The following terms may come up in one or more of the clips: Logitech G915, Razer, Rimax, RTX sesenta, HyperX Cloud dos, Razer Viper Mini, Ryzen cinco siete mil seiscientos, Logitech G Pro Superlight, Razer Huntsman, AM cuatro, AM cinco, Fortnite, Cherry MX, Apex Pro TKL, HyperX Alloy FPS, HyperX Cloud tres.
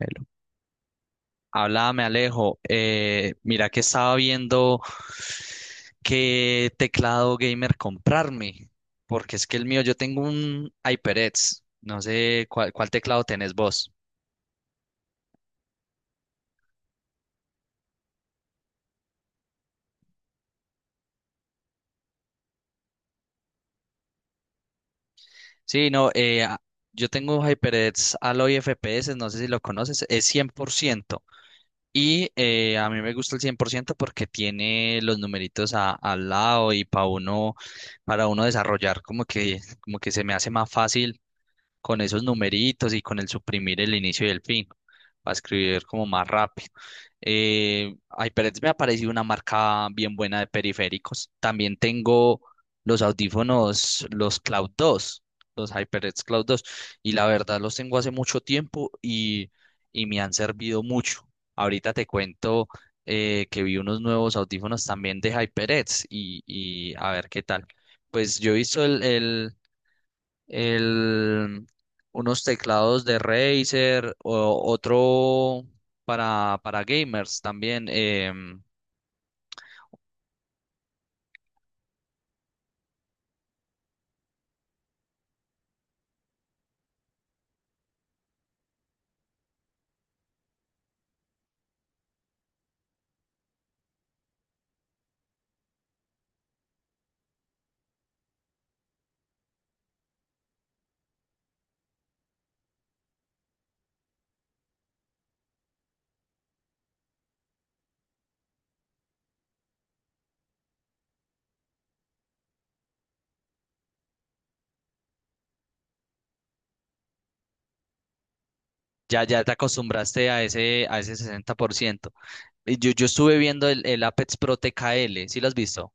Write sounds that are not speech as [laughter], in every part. Hello. Háblame, Alejo. Mira que estaba viendo qué teclado gamer comprarme, porque es que el mío, yo tengo un HyperX. No sé cuál teclado tenés vos. Sí, no, yo tengo un HyperX Alloy FPS, no sé si lo conoces, es cien por ciento. Y a mí me gusta el 100% porque tiene los numeritos al lado y para uno desarrollar como que se me hace más fácil con esos numeritos y con el suprimir el inicio y el fin, para escribir como más rápido. HyperX me ha parecido una marca bien buena de periféricos. También tengo los audífonos, los Cloud 2, los HyperX Cloud 2, y la verdad los tengo hace mucho tiempo y me han servido mucho. Ahorita te cuento que vi unos nuevos audífonos también de HyperX y a ver qué tal. Pues yo he visto el, unos teclados de Razer, otro para gamers también. Ya te acostumbraste a ese 60%. Y yo estuve viendo el Apex Pro TKL. ¿Sí lo has visto?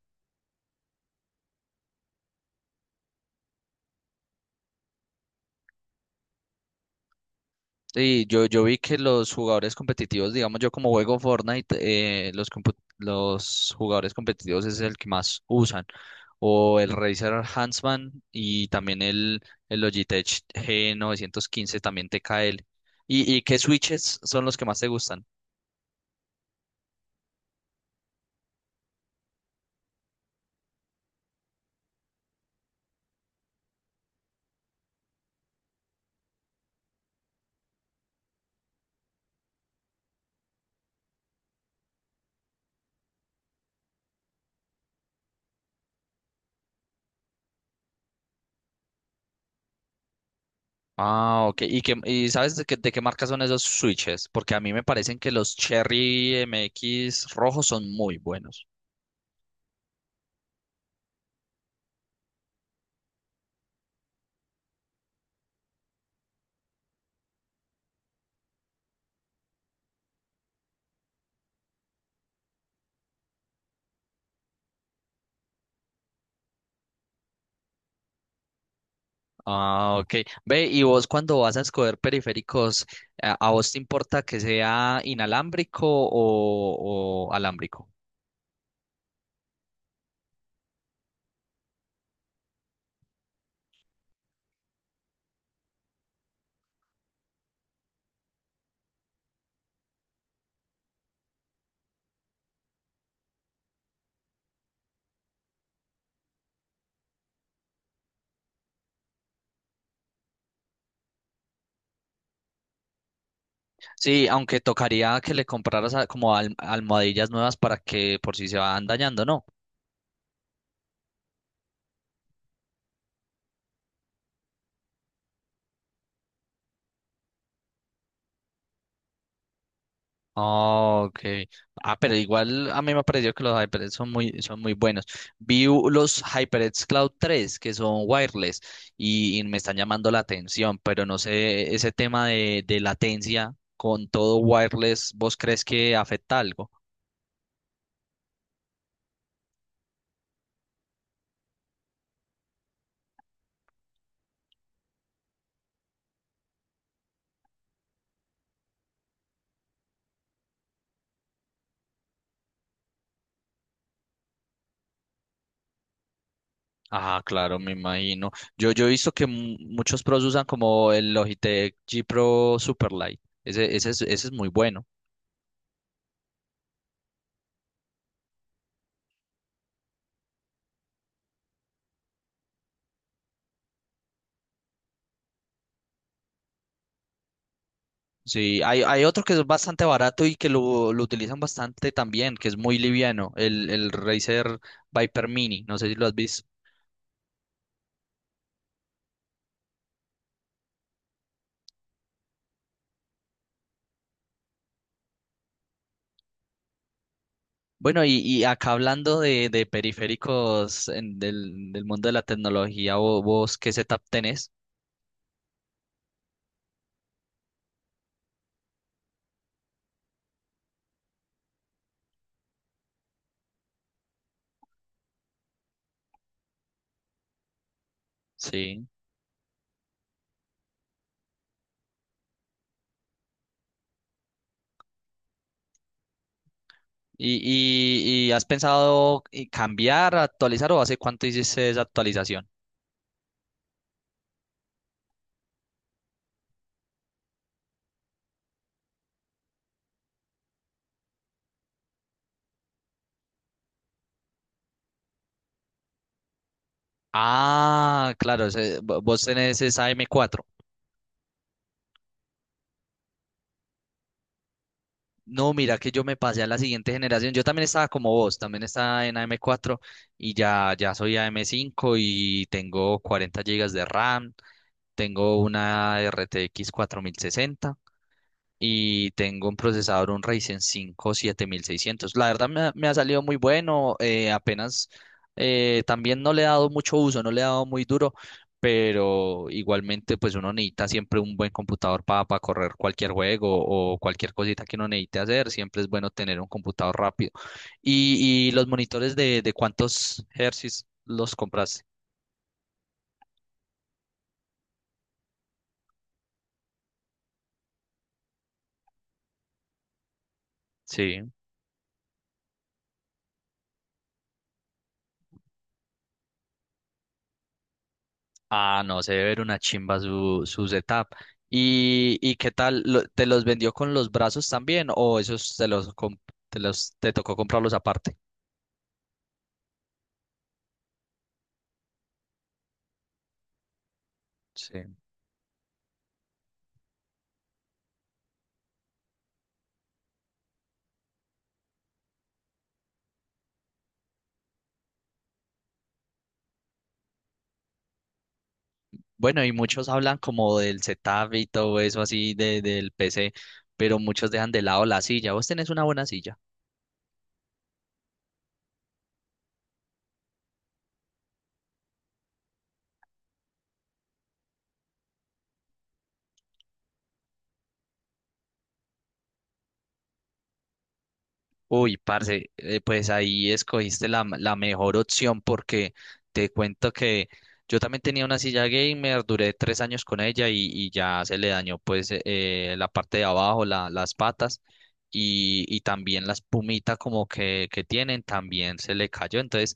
Sí, yo vi que los jugadores competitivos, digamos yo como juego Fortnite, los jugadores competitivos es el que más usan. O el Razer Huntsman y también el Logitech G915, también TKL. ¿Y qué switches son los que más te gustan? Ah, ok. ¿Y sabes de qué marca son esos switches? Porque a mí me parecen que los Cherry MX rojos son muy buenos. Ah, ok. Ve, y vos cuando vas a escoger periféricos, ¿a vos te importa que sea inalámbrico o alámbrico? Sí, aunque tocaría que le compraras como almohadillas nuevas para que por si se van dañando, ¿no? Oh, okay. Ah, pero igual a mí me ha parecido que los HyperX son muy buenos. Vi los HyperX Cloud 3 que son wireless y me están llamando la atención, pero no sé, ese tema de latencia con todo wireless. ¿Vos crees que afecta algo? Ah, claro, me imagino. Yo he visto que muchos pros usan como el Logitech G Pro Superlight. Ese es muy bueno. Sí, hay otro que es bastante barato y que lo utilizan bastante también, que es muy liviano, el Razer Viper Mini. No sé si lo has visto. Bueno, y acá hablando de periféricos del mundo de la tecnología, vos, ¿qué setup tenés? Sí. ¿Y, y has pensado cambiar, actualizar o hace cuánto hiciste esa actualización? Ah, claro, vos tenés esa m cuatro. No, mira que yo me pasé a la siguiente generación. Yo también estaba como vos, también estaba en AM4 y ya soy AM5 y tengo 40 gigas de RAM, tengo una RTX 60. Y tengo un procesador, un Ryzen 5 7600. La verdad me ha salido muy bueno, apenas también no le he dado mucho uso, no le he dado muy duro, pero igualmente pues uno necesita siempre un buen computador para correr cualquier juego o cualquier cosita que uno necesite hacer, siempre es bueno tener un computador rápido. ¿Y los monitores de cuántos hercios los compraste? Sí. Ah, no, se debe ver una chimba su setup. ¿Y qué tal? ¿Te los vendió con los brazos también o esos te los, comp- te los te tocó comprarlos aparte? Sí. Bueno, y muchos hablan como del setup y todo eso así del PC, pero muchos dejan de lado la silla. ¿Vos tenés una buena silla? Uy, parce, pues ahí escogiste la mejor opción porque te cuento que yo también tenía una silla gamer, duré 3 años con ella y ya se le dañó pues la parte de abajo, las patas y también la espumita como que tienen, también se le cayó. Entonces,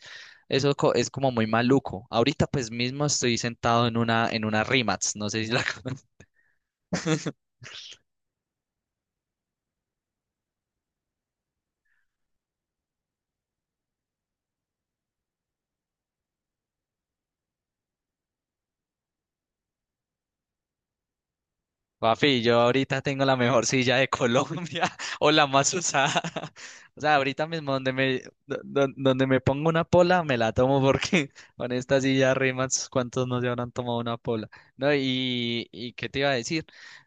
eso es como muy maluco. Ahorita pues mismo estoy sentado en una Rimax, no sé si la. [laughs] Papi, yo ahorita tengo la mejor silla de Colombia [laughs] o la más usada. [laughs] O sea, ahorita mismo donde me pongo una pola, me la tomo porque [laughs] con esta silla rimas, ¿cuántos no se habrán tomado una pola? No, y ¿qué te iba a decir?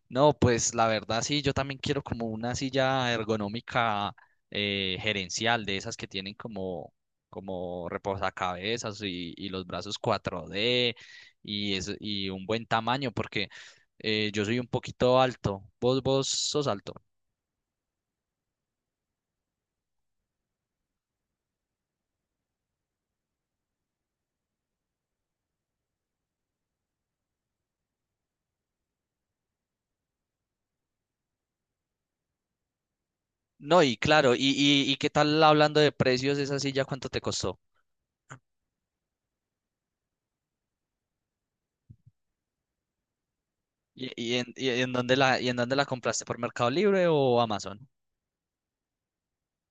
No, pues la verdad sí, yo también quiero como una silla ergonómica gerencial, de esas que tienen como reposacabezas y los brazos 4D y un buen tamaño, porque yo soy un poquito alto. Vos sos alto. No, y claro, y qué tal hablando de precios, esa silla, ¿cuánto te costó? ¿Y en dónde la compraste? ¿Por Mercado Libre o Amazon?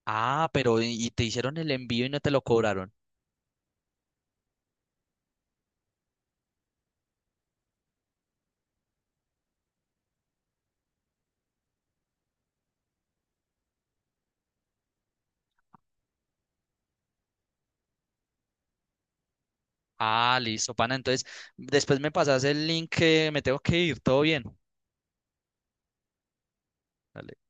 Ah, pero y te hicieron el envío y no te lo cobraron. Ah, listo, pana. Entonces, después me pasas el link que me tengo que ir. Todo bien. Dale.